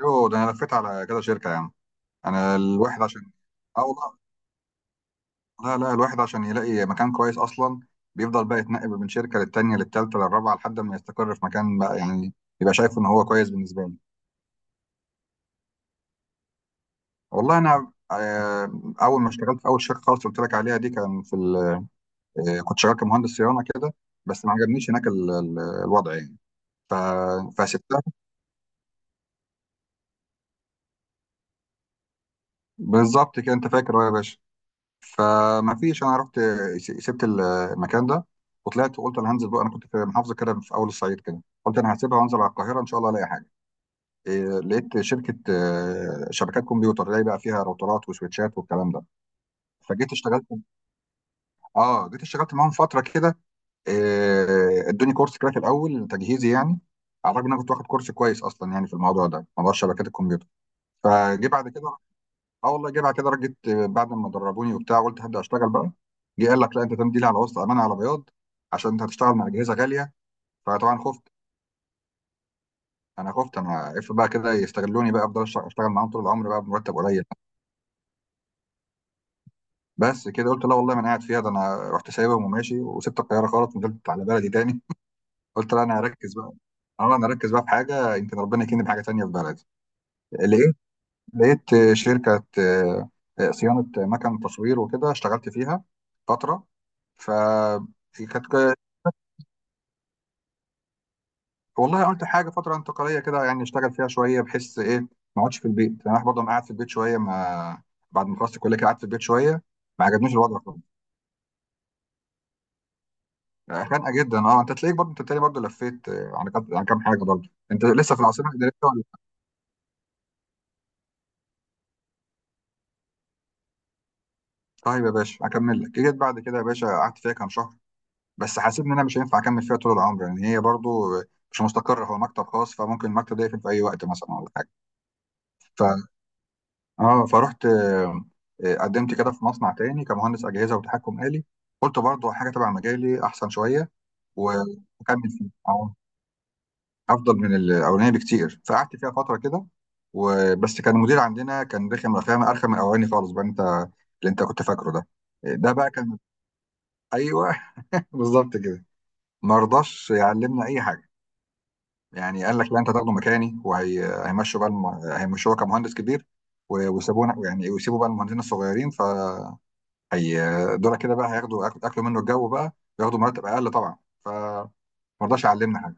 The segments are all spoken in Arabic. يوه، ده انا لفيت على كذا شركه يا عم. انا الواحد عشان اه والله لا الواحد عشان يلاقي مكان كويس اصلا بيفضل بقى يتنقل من شركه للتانيه للتالته للرابعه لحد ما يستقر في مكان بقى، يعني يبقى شايف ان هو كويس بالنسبه له. والله انا اول ما اشتغلت في اول شركه خالص قلت لك عليها دي، كان في كنت شغال كمهندس صيانه كده، بس ما عجبنيش هناك الوضع يعني. ف... فسبتها. بالظبط كده، انت فاكر أهو يا باشا. فما فيش، انا رحت سبت المكان ده وطلعت وقلت انا هنزل بقى. انا كنت في محافظه كده في اول الصعيد كده، قلت انا هسيبها وانزل على القاهره ان شاء الله الاقي حاجه. لقيت شركه شبكات كمبيوتر، اللي هي بقى فيها راوترات وسويتشات والكلام ده. فجيت اشتغلت اه جيت اشتغلت معاهم فتره كده. ادوني كورس كده في الاول تجهيزي يعني، على الرغم ان انا كنت واخد كورس كويس اصلا يعني في الموضوع ده، موضوع شبكات الكمبيوتر. فجي بعد كده اه والله جه بعد كده رجت بعد ما دربوني وبتاع، قلت هبدا اشتغل بقى. جه قال لك لا، انت تمديلي على وسط امانه على بياض، عشان انت هتشتغل مع اجهزه غاليه. فطبعا خفت. انا خفت، انا اف بقى كده يستغلوني بقى، افضل اشتغل معاهم طول العمر بقى بمرتب قليل. بس كده قلت لا والله ما انا قاعد فيها. ده انا رحت سايبهم وماشي، وسبت القاهره خالص ونزلت على بلدي تاني. قلت لا، انا هركز بقى. اه انا هركز بقى في حاجه، يمكن ربنا يكرمني بحاجه تانيه في بلدي. لقيت، لقيت شركه صيانه مكن تصوير وكده، اشتغلت فيها فتره. ف كانت، والله قلت حاجه فتره انتقاليه كده يعني اشتغل فيها شويه، بحس ايه، ما اقعدش في البيت يعني. انا برضه انا قاعد في البيت شويه، ما بعد ما خلصت الكليه كده قعدت في البيت شويه. ما عجبنيش الوضع خالص، يعني خانقه جدا. اه، انت تلاقيك برضه، انت تاني برضه لفيت على كام، على كام حاجه برضه. انت لسه في العاصمه الاداريه ولا؟ طيب يا باشا اكمل لك، جيت بعد كده يا باشا قعدت فيها كام شهر، بس حسيت ان انا مش هينفع اكمل فيها طول العمر يعني. هي برضه مش مستقره، هو مكتب خاص، فممكن المكتب ده يقفل في اي وقت مثلا، ولا حاجه. اه فرحت آه، آه، قدمت كده في مصنع تاني كمهندس اجهزه وتحكم آلي. قلت برضه حاجه تبع مجالي احسن شويه. و- واكمل فيه اه، افضل من الاولاني بكتير. فقعدت فيها فتره كده، وبس كان المدير عندنا كان رخم، رخامه ارخم من الاولاني خالص بقى، انت اللي انت كنت فاكره ده. ده بقى كان ايوه، بالظبط كده. ما رضاش يعلمنا اي حاجه، يعني قال لك لا، انت هتاخده مكاني وهيمشوا بقى هيمشوه كمهندس كبير، ويسيبونا يعني، ويسيبوا بقى المهندسين الصغيرين. هي دول كده بقى هياخدوا اكلوا منه الجو بقى، ياخدوا مرتب اقل طبعا. فما رضاش يعلمنا حاجه.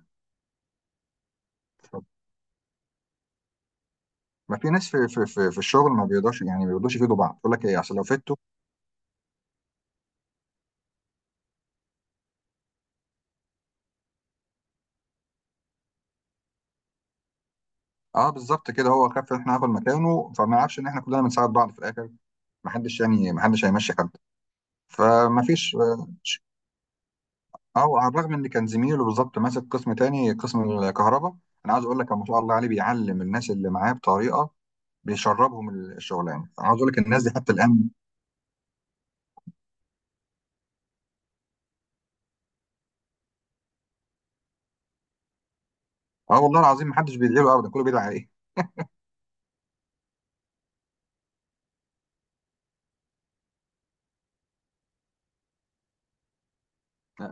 ما في ناس في الشغل ما بيقدرش يعني، ما بيقدرش يفيدوا بعض، يقول لك ايه عشان لو فدته. اه بالظبط كده، هو خاف ان احنا هناخد مكانه، فما يعرفش ان احنا كلنا بنساعد بعض في الاخر. ما حدش يعني، ما حدش هيمشي حد. فما فيش على الرغم ان كان زميله بالظبط ماسك قسم تاني، قسم الكهرباء، انا عايز اقول لك ما شاء الله عليه بيعلم الناس اللي معاه بطريقه، بيشربهم الشغلانه. عاوز اقول لك الناس دي حتى الان اه والله العظيم محدش بيدعي له ابدا، كله بيدعي عليه.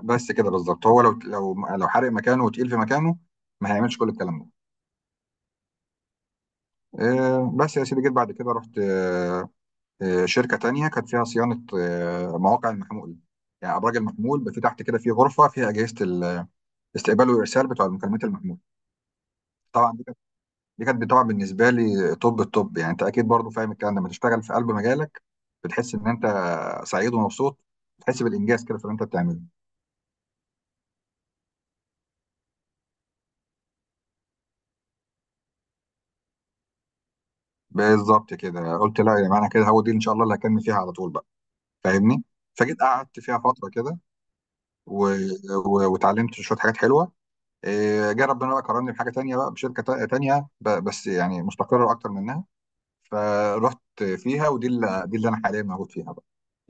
بس كده بالظبط، هو لو حارق مكانه وتقيل في مكانه، ما هيعملش كل الكلام ده. بس يا سيدي، جيت بعد كده رحت شركه تانية كانت فيها صيانه مواقع المحمول، يعني ابراج المحمول بقى، في تحت كده في غرفه فيها اجهزه الاستقبال والارسال بتوع المكالمات المحمول. طبعا دي كانت، دي كانت طبعا بالنسبه لي طب الطب يعني، انت اكيد برضو فاهم الكلام ده، لما تشتغل في قلب مجالك بتحس ان انت سعيد ومبسوط، بتحس بالانجاز كده في اللي انت بتعمله. بالظبط كده قلت لا يا جماعه، انا كده هو دي ان شاء الله اللي هكمل فيها على طول بقى، فاهمني. فجيت قعدت فيها فتره كده، و... واتعلمت شويه حاجات حلوه. جه ربنا بقى كرمني بحاجه تانية بقى، بشركه تانية، بس يعني مستقره اكتر منها. فرحت فيها، ودي اللي، دي اللي انا حاليا موجود فيها بقى،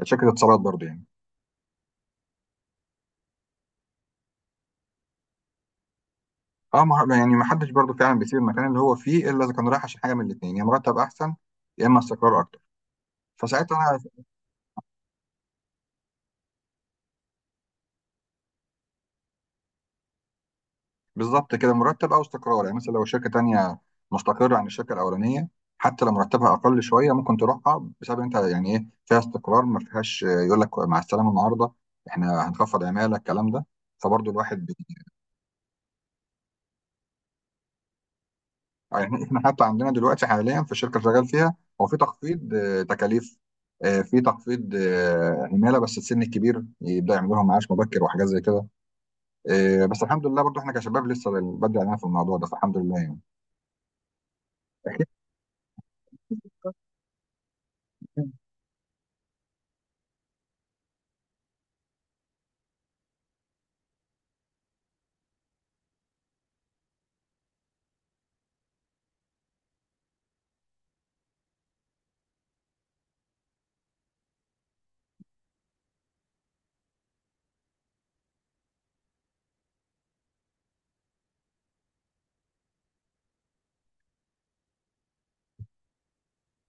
شركه اتصالات برضه يعني. اه ما... يعني ما حدش برضه فعلا بيسيب المكان اللي هو فيه، الا اذا كان رايح عشان حاجه من الاثنين، يا مرتب احسن يا اما استقرار اكتر. فساعتها بالظبط كده، مرتب او استقرار. يعني مثلا لو شركه تانية مستقره عن الشركه الاولانيه، حتى لو مرتبها اقل شويه ممكن تروحها بسبب، انت يعني، ايه فيها استقرار، ما فيهاش يقول لك مع السلامه النهارده احنا هنخفض عماله الكلام ده. فبرضه يعني احنا حتى عندنا دلوقتي حاليا في الشركه اللي شغال فيها هو، في تخفيض تكاليف، في تخفيض عماله، بس السن الكبير يبدا يعمل لهم معاش مبكر وحاجات زي كده. بس الحمد لله برضه احنا كشباب لسه بدري علينا في الموضوع ده، فالحمد لله يعني.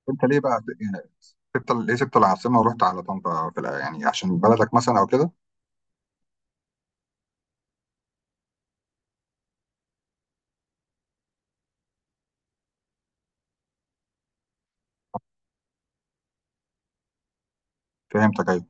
انت ليه بقى يعني سبت ليه سبت العاصمه ورحت على طنطا في يعني عشان بلدك مثلا او كده؟ فهمتك، ايوه.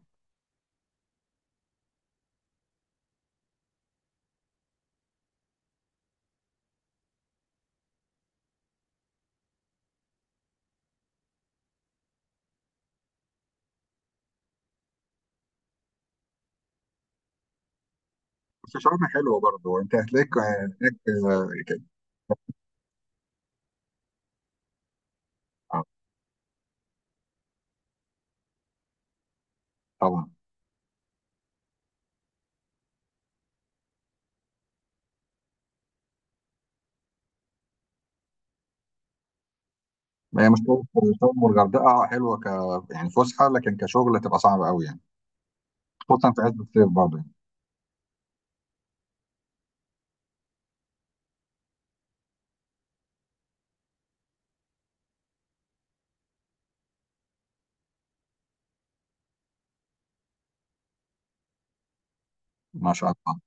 بس شرم حلوه برضه، انت هتلاقيك هناك آه، كده. آه، طبعا. ما هي مش شرم، شرم والغردقه حلوه ك، يعني فسحه، لكن كشغل تبقى صعبه قوي يعني، خصوصا في عز الصيف برضه يعني. ما شاء الله.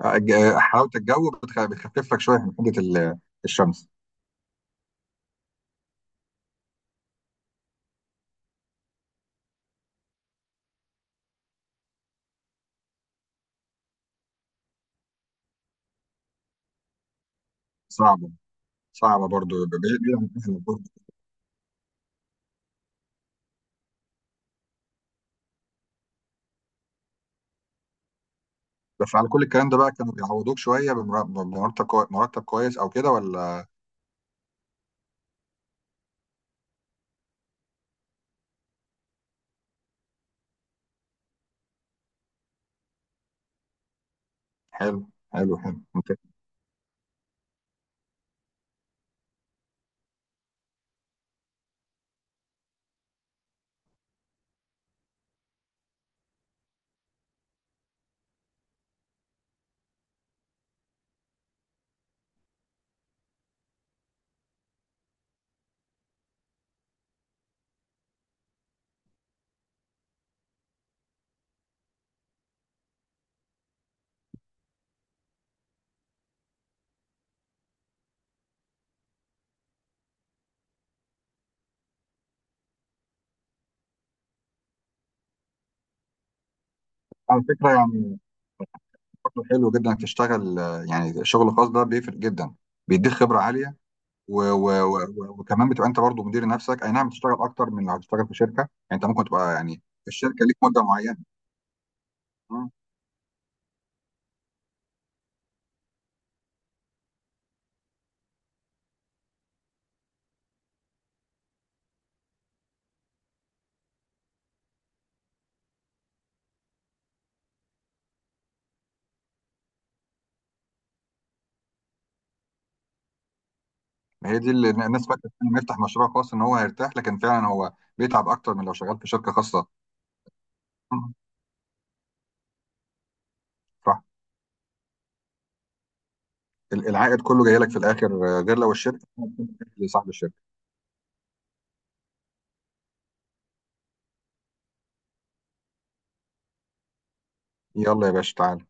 حلاوه الجو بتخفف لك شويه من حده الشمس. صعبه، صعبه برضه، بعيد، بعيد يعني عن أهلك برضه. بس على كل الكلام ده بقى، كانوا بيعوضوك شويه مرتب كويس او كده ولا؟ حلو، حلو، حلو، ممتاز. على فكرة يعني برضه حلو جدا إنك تشتغل يعني شغل خاص، ده بيفرق جدا، بيديك خبرة عالية. و و و و وكمان بتبقى انت برضه مدير نفسك، اي نعم بتشتغل اكتر من لو هتشتغل في شركة، يعني انت ممكن تبقى يعني في الشركة ليك مدة معينة. مم. ما هي دي اللي الناس فاكرة انه يفتح مشروع خاص ان هو هيرتاح، لكن فعلا هو بيتعب اكتر من لو شغال في شركة خاصة. مم. صح. ال- العائد كله جاي لك في الاخر غير لو الشركة لصاحب الشركة. يلا يا باشا تعالى.